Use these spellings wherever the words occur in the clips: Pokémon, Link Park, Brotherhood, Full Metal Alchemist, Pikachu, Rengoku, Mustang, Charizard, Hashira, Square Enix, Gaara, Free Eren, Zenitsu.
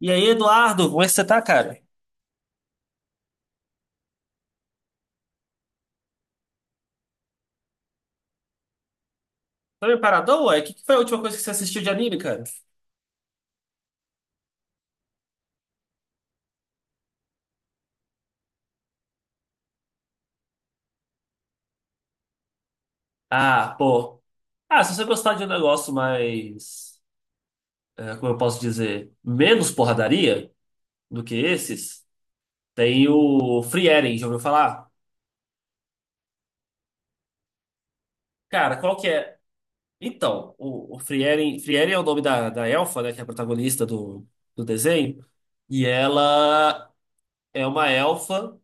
E aí, Eduardo, como é que você tá, cara? Tá meio paradão, ué? O que foi a última coisa que você assistiu de anime, cara? Ah, pô. Ah, se você gostar de um negócio mais, como eu posso dizer, menos porradaria do que esses, tem o Free Eren, já ouviu falar? Cara, qual que é? Então, o Free Eren, Free Eren é o nome da elfa, né, que é a protagonista do, do desenho, e ela é uma elfa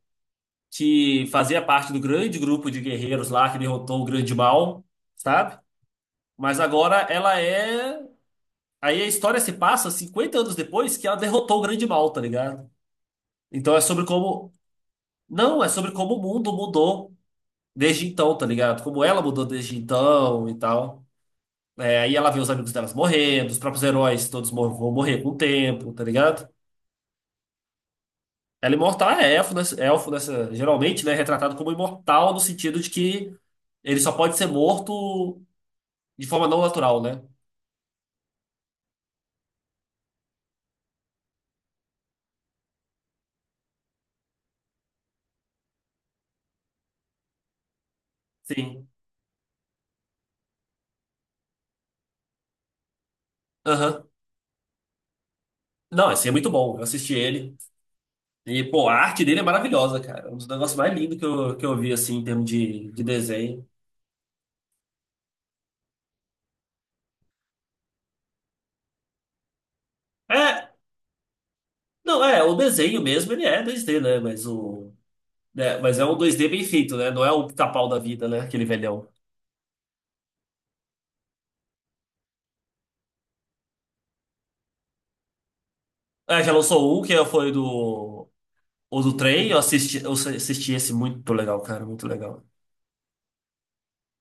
que fazia parte do grande grupo de guerreiros lá que derrotou o Grande Mal, sabe? Mas agora ela é. Aí a história se passa 50 anos depois que ela derrotou o grande mal, tá ligado? Então é sobre como. Não, é sobre como o mundo mudou desde então, tá ligado? Como ela mudou desde então e tal. É, aí ela vê os amigos delas morrendo, os próprios heróis todos vão morrer com o tempo, tá ligado? Ela imortal é elfo nessa, geralmente, né? Retratado como imortal no sentido de que ele só pode ser morto de forma não natural, né? Sim. Aham. Não, esse é muito bom. Eu assisti ele. E, pô, a arte dele é maravilhosa, cara. É um dos negócios mais lindos que eu vi, assim, em termos de desenho. É, não, é, o desenho mesmo, ele é 2D, né? Mas o. Né, mas é um 2D bem feito, né? Não é o pica-pau da vida, né? Aquele velhão. É, já lançou um que foi do. O do trem, eu assisti esse muito legal, cara, muito legal.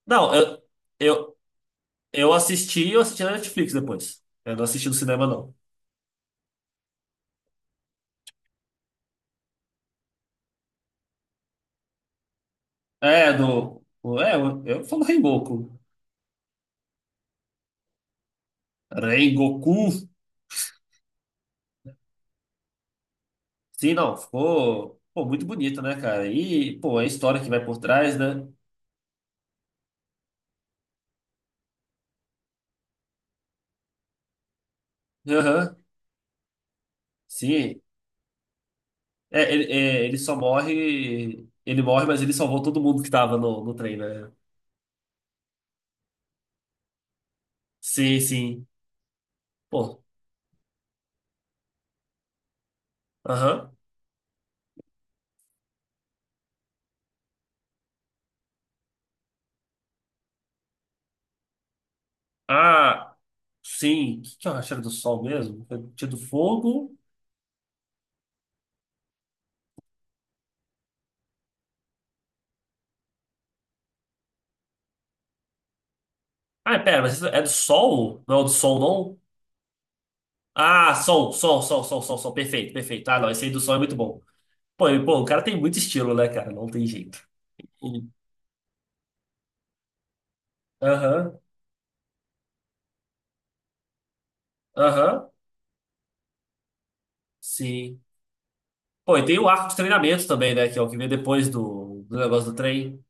Não, eu, eu, eu assisti, eu assisti na Netflix depois. Eu não assisti no cinema, não. É, do. É, eu falo Rengoku. Rengoku. Sim, não, ficou, pô, muito bonito, né, cara? E, pô, a história que vai por trás, né? Aham, sim. É, ele só morre, ele morre, mas ele salvou todo mundo que tava no, no trem, né? Sim, sim. Pô, aham. Ah, sim. O que que eu achei do sol mesmo? Tinha do fogo. Ah, pera, mas isso é do sol? Não é o do sol, não? Ah, sol, sol, sol, sol, sol, sol. Perfeito, perfeito. Ah, não, esse aí do sol é muito bom. Pô, e, pô, o cara tem muito estilo, né, cara? Não tem jeito. Aham, aham. Sim. Pô, e tem o arco de treinamento também, né? Que é o que vem depois do, do negócio do trem.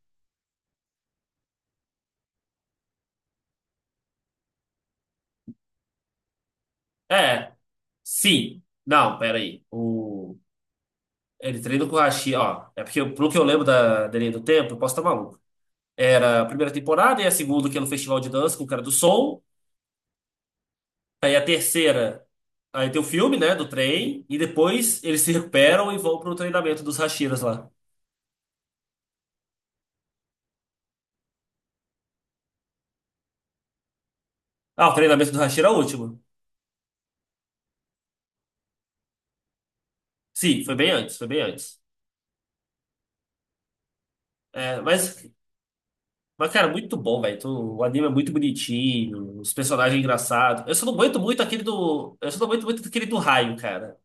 É, sim. Não, peraí. O, ele treina com o Hashi, ó. É porque, pelo que eu lembro da, da linha do tempo, eu posso estar maluco. Era a primeira temporada, e a segunda, que é no Festival de Dança com o cara do Soul. Aí a terceira, aí tem o filme, né? Do trem. E depois eles se recuperam e vão pro treinamento dos Hashiras lá. Ah, o treinamento do Hashira é o último. Sim, foi bem antes, foi bem antes. É, mas, cara, muito bom, velho. O anime é muito bonitinho, os personagens engraçados. Eu só não aguento muito aquele do. Eu só não aguento muito aquele do raio, cara.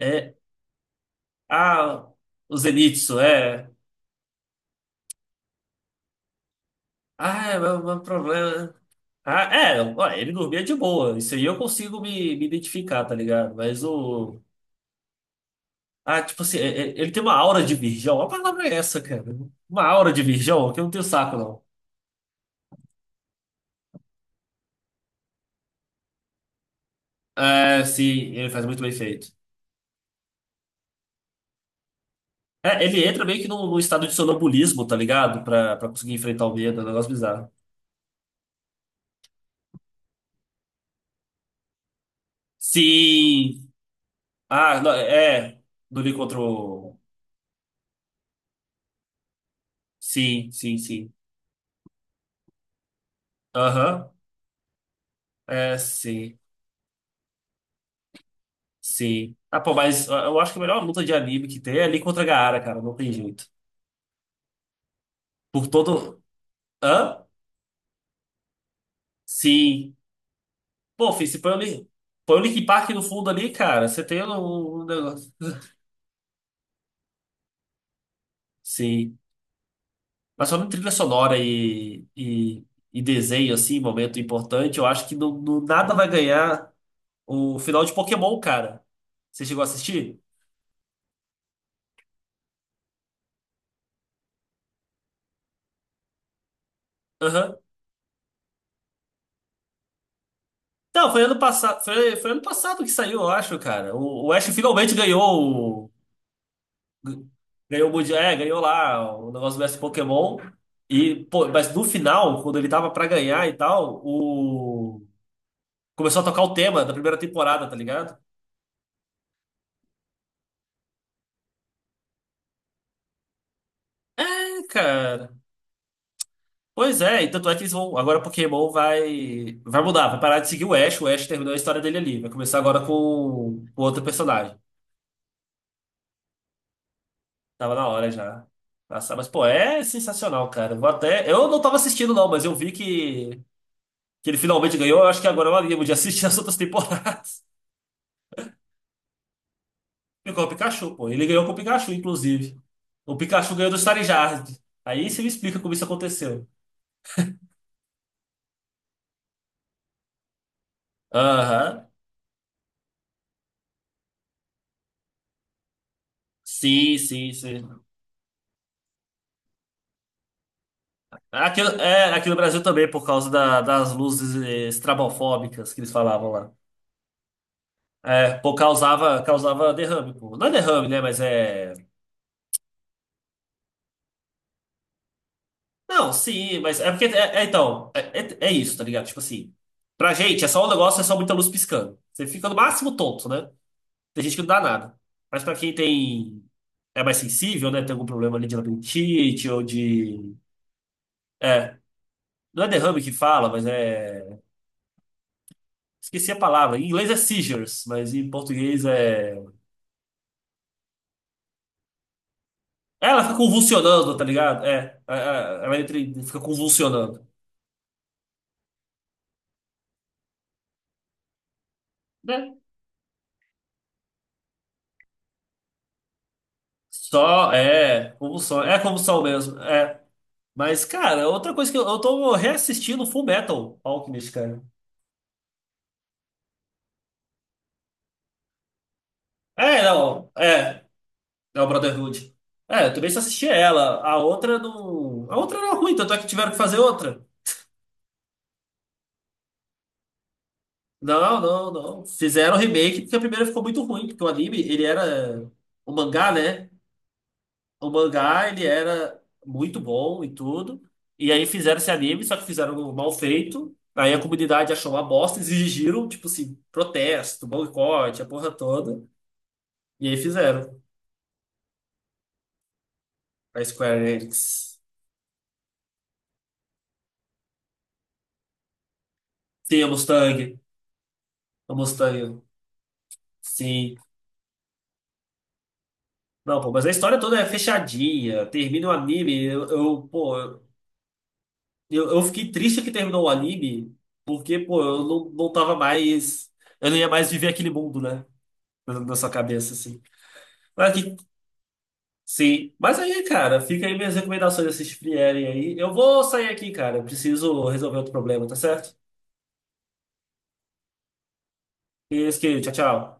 É. Ah, o Zenitsu, é. Ah, é o problema. Ah, é, ó, ele dormia de boa. Isso aí eu consigo me identificar, tá ligado? Mas o. Ah, tipo assim, ele tem uma aura de virgão. A palavra é essa, cara. Uma aura de virgão que eu não tenho saco, não. É, sim, ele faz muito bem feito. É, ele entra meio que num estado de sonambulismo, tá ligado? Pra conseguir enfrentar o medo, é um negócio bizarro. Sim! Ah, não, é. Do Lee contra o... Sim, sim, sim. Aham. É, sim, sim. Ah, pô, mas eu acho que a melhor luta de anime que tem é Lee contra Gaara, cara. Não tem jeito. Por todo... Hã? Sim. Pô, filho, se põe o Link, põe o Link Park no fundo ali, cara, você tem um, um negócio. Sim. Mas falando em trilha sonora e desenho, assim, momento importante, eu acho que no, no nada vai ganhar o final de Pokémon, cara. Você chegou a assistir? Aham. Não, foi ano passado, foi ano passado que saiu, eu acho, cara. O Ash finalmente ganhou o, ganhou o Mundial, é, ganhou lá o negócio do mestre Pokémon. E, pô, mas no final, quando ele tava pra ganhar e tal, o começou a tocar o tema da primeira temporada, tá ligado? É, cara. Pois é, e tanto é que eles vão. Agora Pokémon vai. Vai mudar, vai parar de seguir o Ash. O Ash terminou a história dele ali. Vai começar agora com outro personagem. Tava na hora já. Nossa, mas pô, é sensacional, cara. Eu vou até. Eu não tava assistindo, não, mas eu vi que ele finalmente ganhou. Eu acho que agora eu animo de assistir as outras temporadas. Ficou o Pikachu, pô. Ele ganhou com o Pikachu, inclusive. O Pikachu ganhou do Charizard. Aí você me explica como isso aconteceu. Aham. Sim, sim, sim. Aqui, é, aqui no Brasil também, por causa das luzes estrabofóbicas que eles falavam lá. É, pô, causava, causava derrame, pô. Não é derrame, né? Mas é. Não, sim, mas é porque. Então, é isso, tá ligado? Tipo assim, pra gente é só um negócio, é só muita luz piscando. Você fica no máximo tonto, né? Tem gente que não dá nada. Mas pra quem tem. É mais sensível, né? Tem algum problema ali de labirintite ou de. É. Não é derrame que fala, mas é. Esqueci a palavra. Em inglês é seizures, mas em português é. Ela fica convulsionando, tá ligado? Ela entra e fica convulsionando. Né? Só, é convulsão mesmo, é. Mas, cara, outra coisa que eu tô reassistindo Full Metal Alchemist, cara. É, não, é, é o Brotherhood. É, eu também só assisti ela, a outra não... A outra era ruim, tanto é que tiveram que fazer outra. Não, não, não. Fizeram remake porque a primeira ficou muito ruim, porque o anime, ele era... O mangá, né? O mangá ele era muito bom e tudo. E aí fizeram esse anime, só que fizeram mal feito. Aí a comunidade achou uma bosta, exigiram, tipo assim, protesto, boicote, a porra toda. E aí fizeram. A Square Enix. Sim, a Mustang. A Mustang. Sim. Não, pô, mas a história toda é fechadinha. Termina o anime. Eu fiquei triste que terminou o anime, porque, pô, eu não, não tava mais. Eu não ia mais viver aquele mundo, né? Na na sua cabeça, assim. Mas que sim, mas aí, cara, fica aí minhas recomendações assistir vierem aí. Eu vou sair aqui, cara. Eu preciso resolver outro problema, tá certo? Isso aqui, tchau, tchau.